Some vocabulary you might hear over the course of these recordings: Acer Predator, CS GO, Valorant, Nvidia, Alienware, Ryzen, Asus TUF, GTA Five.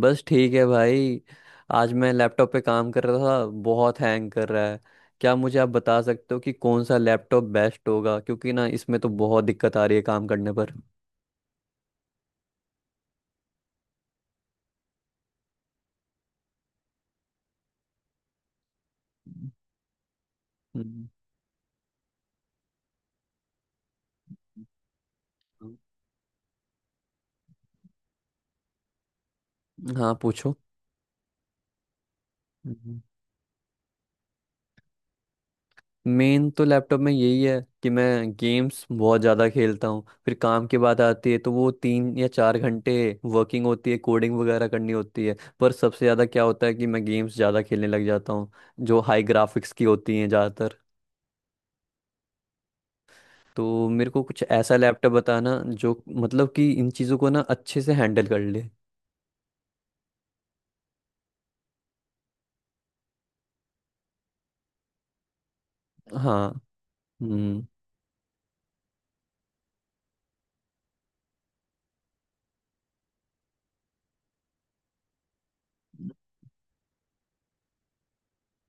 बस ठीक है भाई। आज मैं लैपटॉप पे काम कर रहा था, बहुत हैंग कर रहा है। क्या मुझे आप बता सकते हो कि कौन सा लैपटॉप बेस्ट होगा, क्योंकि ना इसमें तो बहुत दिक्कत आ रही है काम करने पर। हम्म। हाँ, पूछो। मेन तो लैपटॉप में यही है कि मैं गेम्स बहुत ज़्यादा खेलता हूँ, फिर काम की बात आती है तो वो 3 या 4 घंटे वर्किंग होती है, कोडिंग वगैरह करनी होती है, पर सबसे ज़्यादा क्या होता है कि मैं गेम्स ज़्यादा खेलने लग जाता हूँ जो हाई ग्राफिक्स की होती हैं ज़्यादातर। तो मेरे को कुछ ऐसा लैपटॉप बताना जो मतलब कि इन चीज़ों को ना अच्छे से हैंडल कर ले। हाँ। हम्म।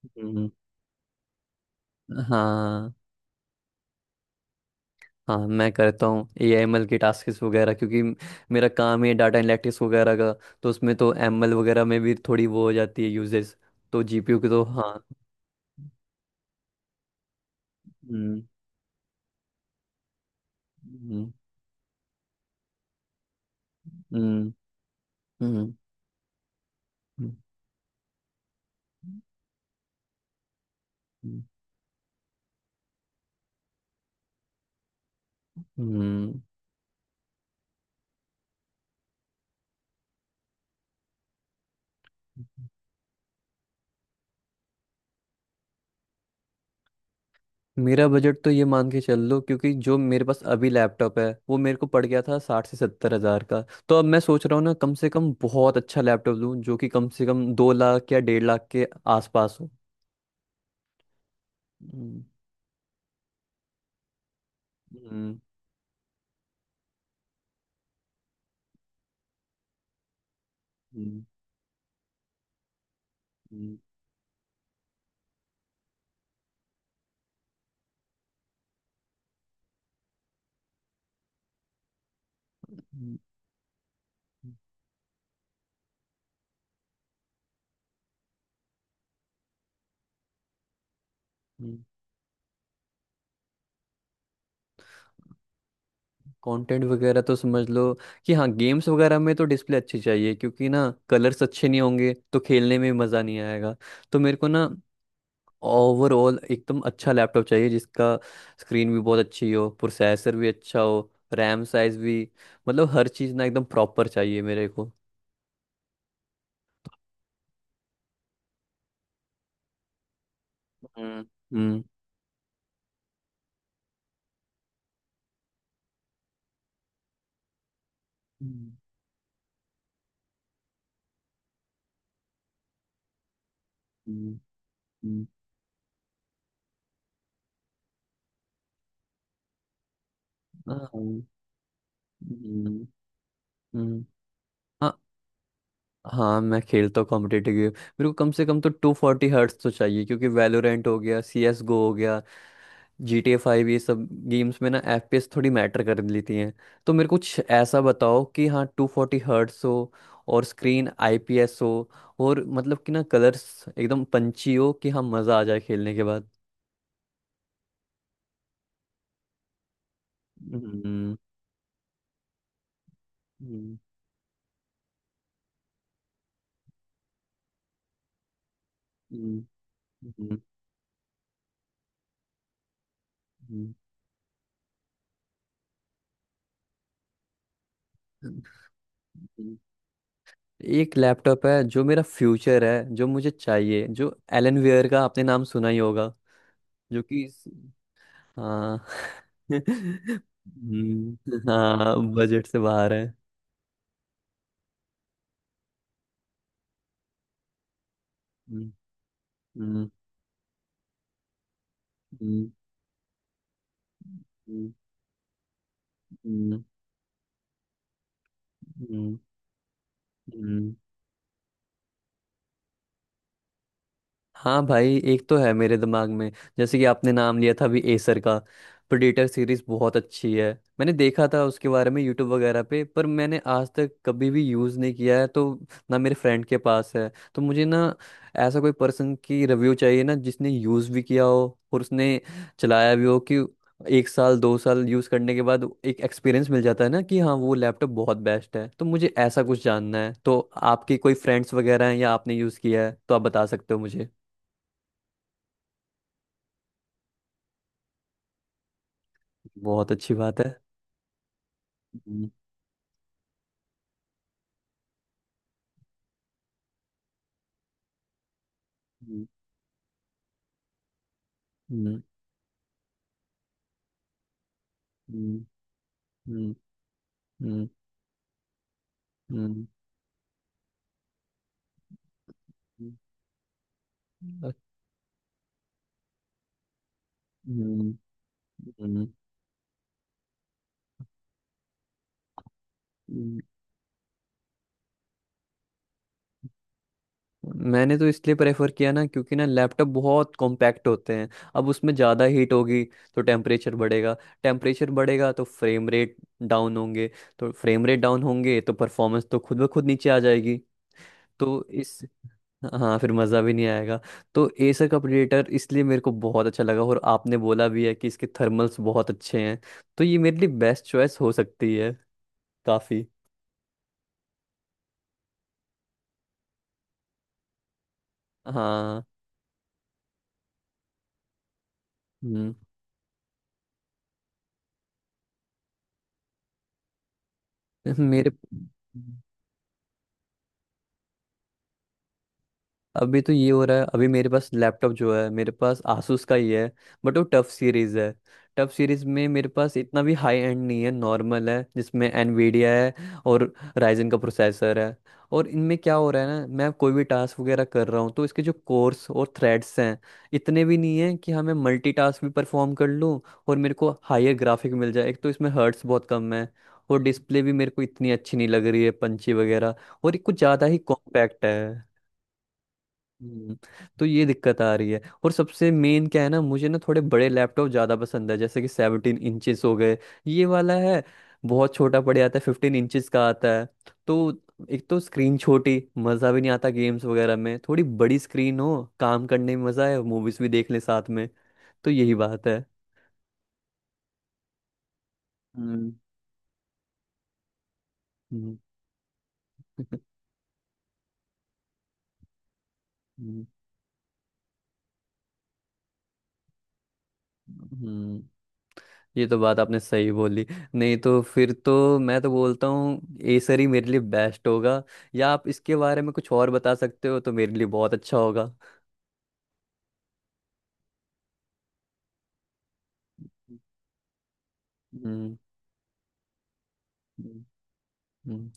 हम्म। हाँ, हाँ मैं करता हूँ AML के टास्क वगैरह, क्योंकि मेरा काम है डाटा एनालिटिक्स वगैरह का। तो उसमें तो ML वगैरह में भी थोड़ी वो हो जाती है यूजेस। तो जीपीयू के तो हाँ। हम्म। हम्म। हम्म। हम्म। हम्म। हम्म। मेरा बजट तो ये मान के चल लो, क्योंकि जो मेरे पास अभी लैपटॉप है वो मेरे को पड़ गया था 60 से 70 हज़ार का। तो अब मैं सोच रहा हूँ ना, कम से कम बहुत अच्छा लैपटॉप लूँ जो कि कम से कम 2 लाख या 1.5 लाख के आसपास हो। हम्म। हम्म। हम्म। हम्म। हम्म। हम्म। कंटेंट वगैरह तो समझ लो कि हाँ, गेम्स वगैरह में तो डिस्प्ले अच्छी चाहिए, क्योंकि ना कलर्स अच्छे नहीं होंगे तो खेलने में मज़ा नहीं आएगा। तो मेरे को ना ओवरऑल एकदम अच्छा लैपटॉप चाहिए जिसका स्क्रीन भी बहुत अच्छी हो, प्रोसेसर भी अच्छा हो, रैम साइज भी। मतलब हर चीज़ ना एकदम प्रॉपर चाहिए मेरे को। हम्म। हम्म। हम्म। हम्म। हम्म। हाँ। हम्म। हम्म। हाँ, हाँ मैं खेलता हूँ कॉम्पिटेटिव गेम। मेरे को कम से कम तो 240 हर्ट्स तो चाहिए, क्योंकि वैलोरेंट हो गया, CS GO हो गया, GTA 5, ये सब गेम्स में ना FPS थोड़ी मैटर कर लेती हैं। तो मेरे को कुछ ऐसा बताओ कि हाँ 240 हर्ट्स हो, और स्क्रीन IPS हो, और मतलब कि ना कलर्स एकदम पंची हो कि हाँ मज़ा आ जाए खेलने के बाद। हम्म। हम्म। हम्म। हम्म। हम्म। हम्म। एक लैपटॉप है जो मेरा फ्यूचर है, जो मुझे चाहिए, जो एलन वेयर का आपने नाम सुना ही होगा। जो कि हाँ हाँ बजट से बाहर है। Mm, mm, mm, mm, mm, mm. हाँ भाई, एक तो है मेरे दिमाग में, जैसे कि आपने नाम लिया था अभी एसर का। प्रेडेटर सीरीज बहुत अच्छी है, मैंने देखा था उसके बारे में यूट्यूब वगैरह पे, पर मैंने आज तक कभी भी यूज़ नहीं किया है। तो ना मेरे फ्रेंड के पास है तो मुझे ना ऐसा कोई पर्सन की रिव्यू चाहिए ना जिसने यूज़ भी किया हो और उसने चलाया भी हो, कि एक साल दो साल यूज़ करने के बाद एक एक्सपीरियंस मिल जाता है ना कि हाँ वो लैपटॉप बहुत बेस्ट है। तो मुझे ऐसा कुछ जानना है, तो आपके कोई फ्रेंड्स वगैरह हैं या आपने यूज़ किया है तो आप बता सकते हो मुझे। बहुत अच्छी बात है। हम्म। हम्म। हम्म। हम्म। हम्म। हम्म। हम्म। हम्म। हम्म। हम्म। हम्म। मैंने तो इसलिए प्रेफर किया ना, क्योंकि ना लैपटॉप बहुत कॉम्पैक्ट होते हैं। अब उसमें ज़्यादा हीट होगी तो टेम्परेचर बढ़ेगा। टेम्परेचर बढ़ेगा तो फ्रेम रेट डाउन होंगे। तो फ्रेम रेट डाउन होंगे तो परफॉर्मेंस तो खुद ब खुद नीचे आ जाएगी। तो इस हाँ, फिर मज़ा भी नहीं आएगा। तो एसर का प्रेडेटर इसलिए मेरे को बहुत अच्छा लगा, और आपने बोला भी है कि इसके थर्मल्स बहुत अच्छे हैं। तो ये मेरे लिए बेस्ट चॉइस हो सकती है काफ़ी। हाँ। हम्म। मेरे अभी तो ये हो रहा है, अभी मेरे पास लैपटॉप जो है, मेरे पास आसूस का ही है। बट वो टफ सीरीज है। टफ सीरीज में मेरे पास इतना भी हाई एंड नहीं है, नॉर्मल है जिसमें एनवीडिया है और राइजन का प्रोसेसर है। और इनमें क्या हो रहा है ना, मैं कोई भी टास्क वगैरह कर रहा हूँ तो इसके जो कोर्स और थ्रेड्स हैं इतने भी नहीं है कि हाँ मैं मल्टीटास्क भी परफॉर्म कर लूँ और मेरे को हायर ग्राफिक मिल जाए। एक तो इसमें हर्ट्स बहुत कम है, और डिस्प्ले भी मेरे को इतनी अच्छी नहीं लग रही है पंची वगैरह, और ये कुछ ज़्यादा ही कॉम्पैक्ट है। हम्म। तो ये दिक्कत आ रही है। और सबसे मेन क्या है ना, मुझे ना थोड़े बड़े लैपटॉप ज़्यादा पसंद है, जैसे कि 17 इंचेस हो गए। ये वाला है बहुत छोटा पड़ जाता है, 15 इंचेस का आता है। तो एक तो स्क्रीन छोटी मज़ा भी नहीं आता गेम्स वगैरह में, थोड़ी बड़ी स्क्रीन हो काम करने में मज़ा है, मूवीज़ भी देख लें साथ में। तो यही बात है। हम्म। हम्म। हम्म। हम्म। ये तो बात आपने सही बोली। नहीं तो फिर तो मैं तो बोलता हूँ एसर ही मेरे लिए बेस्ट होगा। या आप इसके बारे में कुछ और बता सकते हो तो मेरे लिए बहुत अच्छा होगा। हम्म। हम्म। हम्म।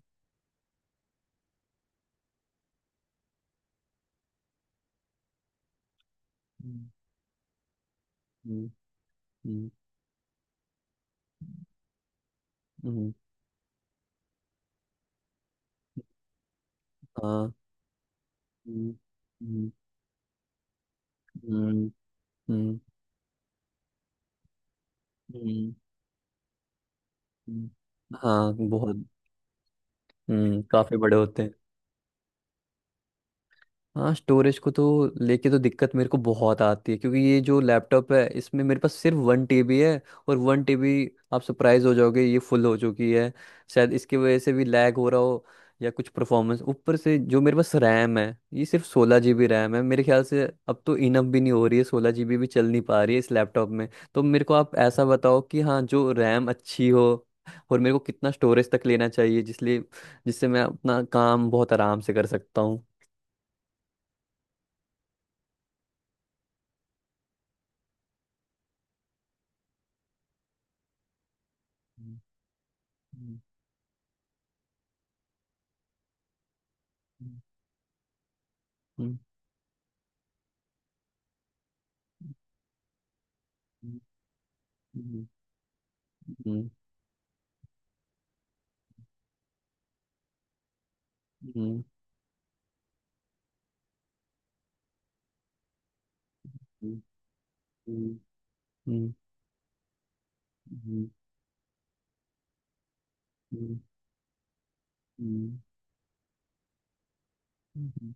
हम्म। हम्म। हम्म। हम्म। हाँ। हम्म। हम्म। हम्म। हम्म। हम्म। हम्म। हाँ बहुत। हम्म, काफी बड़े होते हैं। हाँ, स्टोरेज को तो लेके तो दिक्कत मेरे को बहुत आती है, क्योंकि ये जो लैपटॉप है इसमें मेरे पास सिर्फ 1 TB है। और 1 TB, आप सरप्राइज हो जाओगे, ये फुल हो चुकी है। शायद इसकी वजह से भी लैग हो रहा हो या कुछ परफॉर्मेंस। ऊपर से जो मेरे पास रैम है, ये सिर्फ 16 GB रैम है मेरे ख्याल से। अब तो इनफ भी नहीं हो रही है, 16 GB भी चल नहीं पा रही है इस लैपटॉप में। तो मेरे को आप ऐसा बताओ कि हाँ जो रैम अच्छी हो, और मेरे को कितना स्टोरेज तक लेना चाहिए जिसलिए, जिससे मैं अपना काम बहुत आराम से कर सकता हूँ। हम्म। हम्म। हम्म। हम्म। हम्म। हम्म। हम्म। हम्म। हम्म। हम्म। हम्म। हम्म। हम्म। हम्म।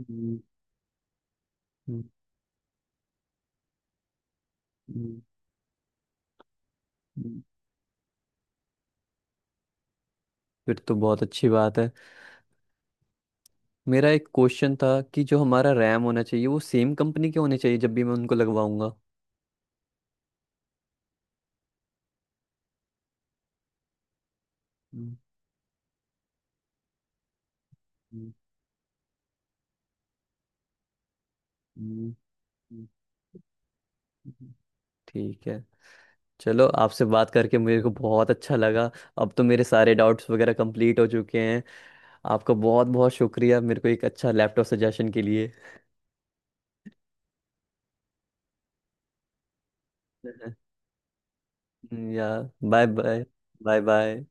हम्म। हम्म। हम्म। हम्म। फिर तो बहुत अच्छी बात है। मेरा एक क्वेश्चन था कि जो हमारा रैम होना चाहिए वो सेम कंपनी के होने चाहिए जब भी मैं उनको लगवाऊंगा। हम्म। हम्म। हम्म। हम्म। हम्म। ठीक है। चलो, आपसे बात करके मेरे को बहुत अच्छा लगा। अब तो मेरे सारे डाउट्स वगैरह कंप्लीट हो चुके हैं। आपका बहुत बहुत शुक्रिया मेरे को एक अच्छा लैपटॉप सजेशन के लिए। या। Bye bye. Bye bye.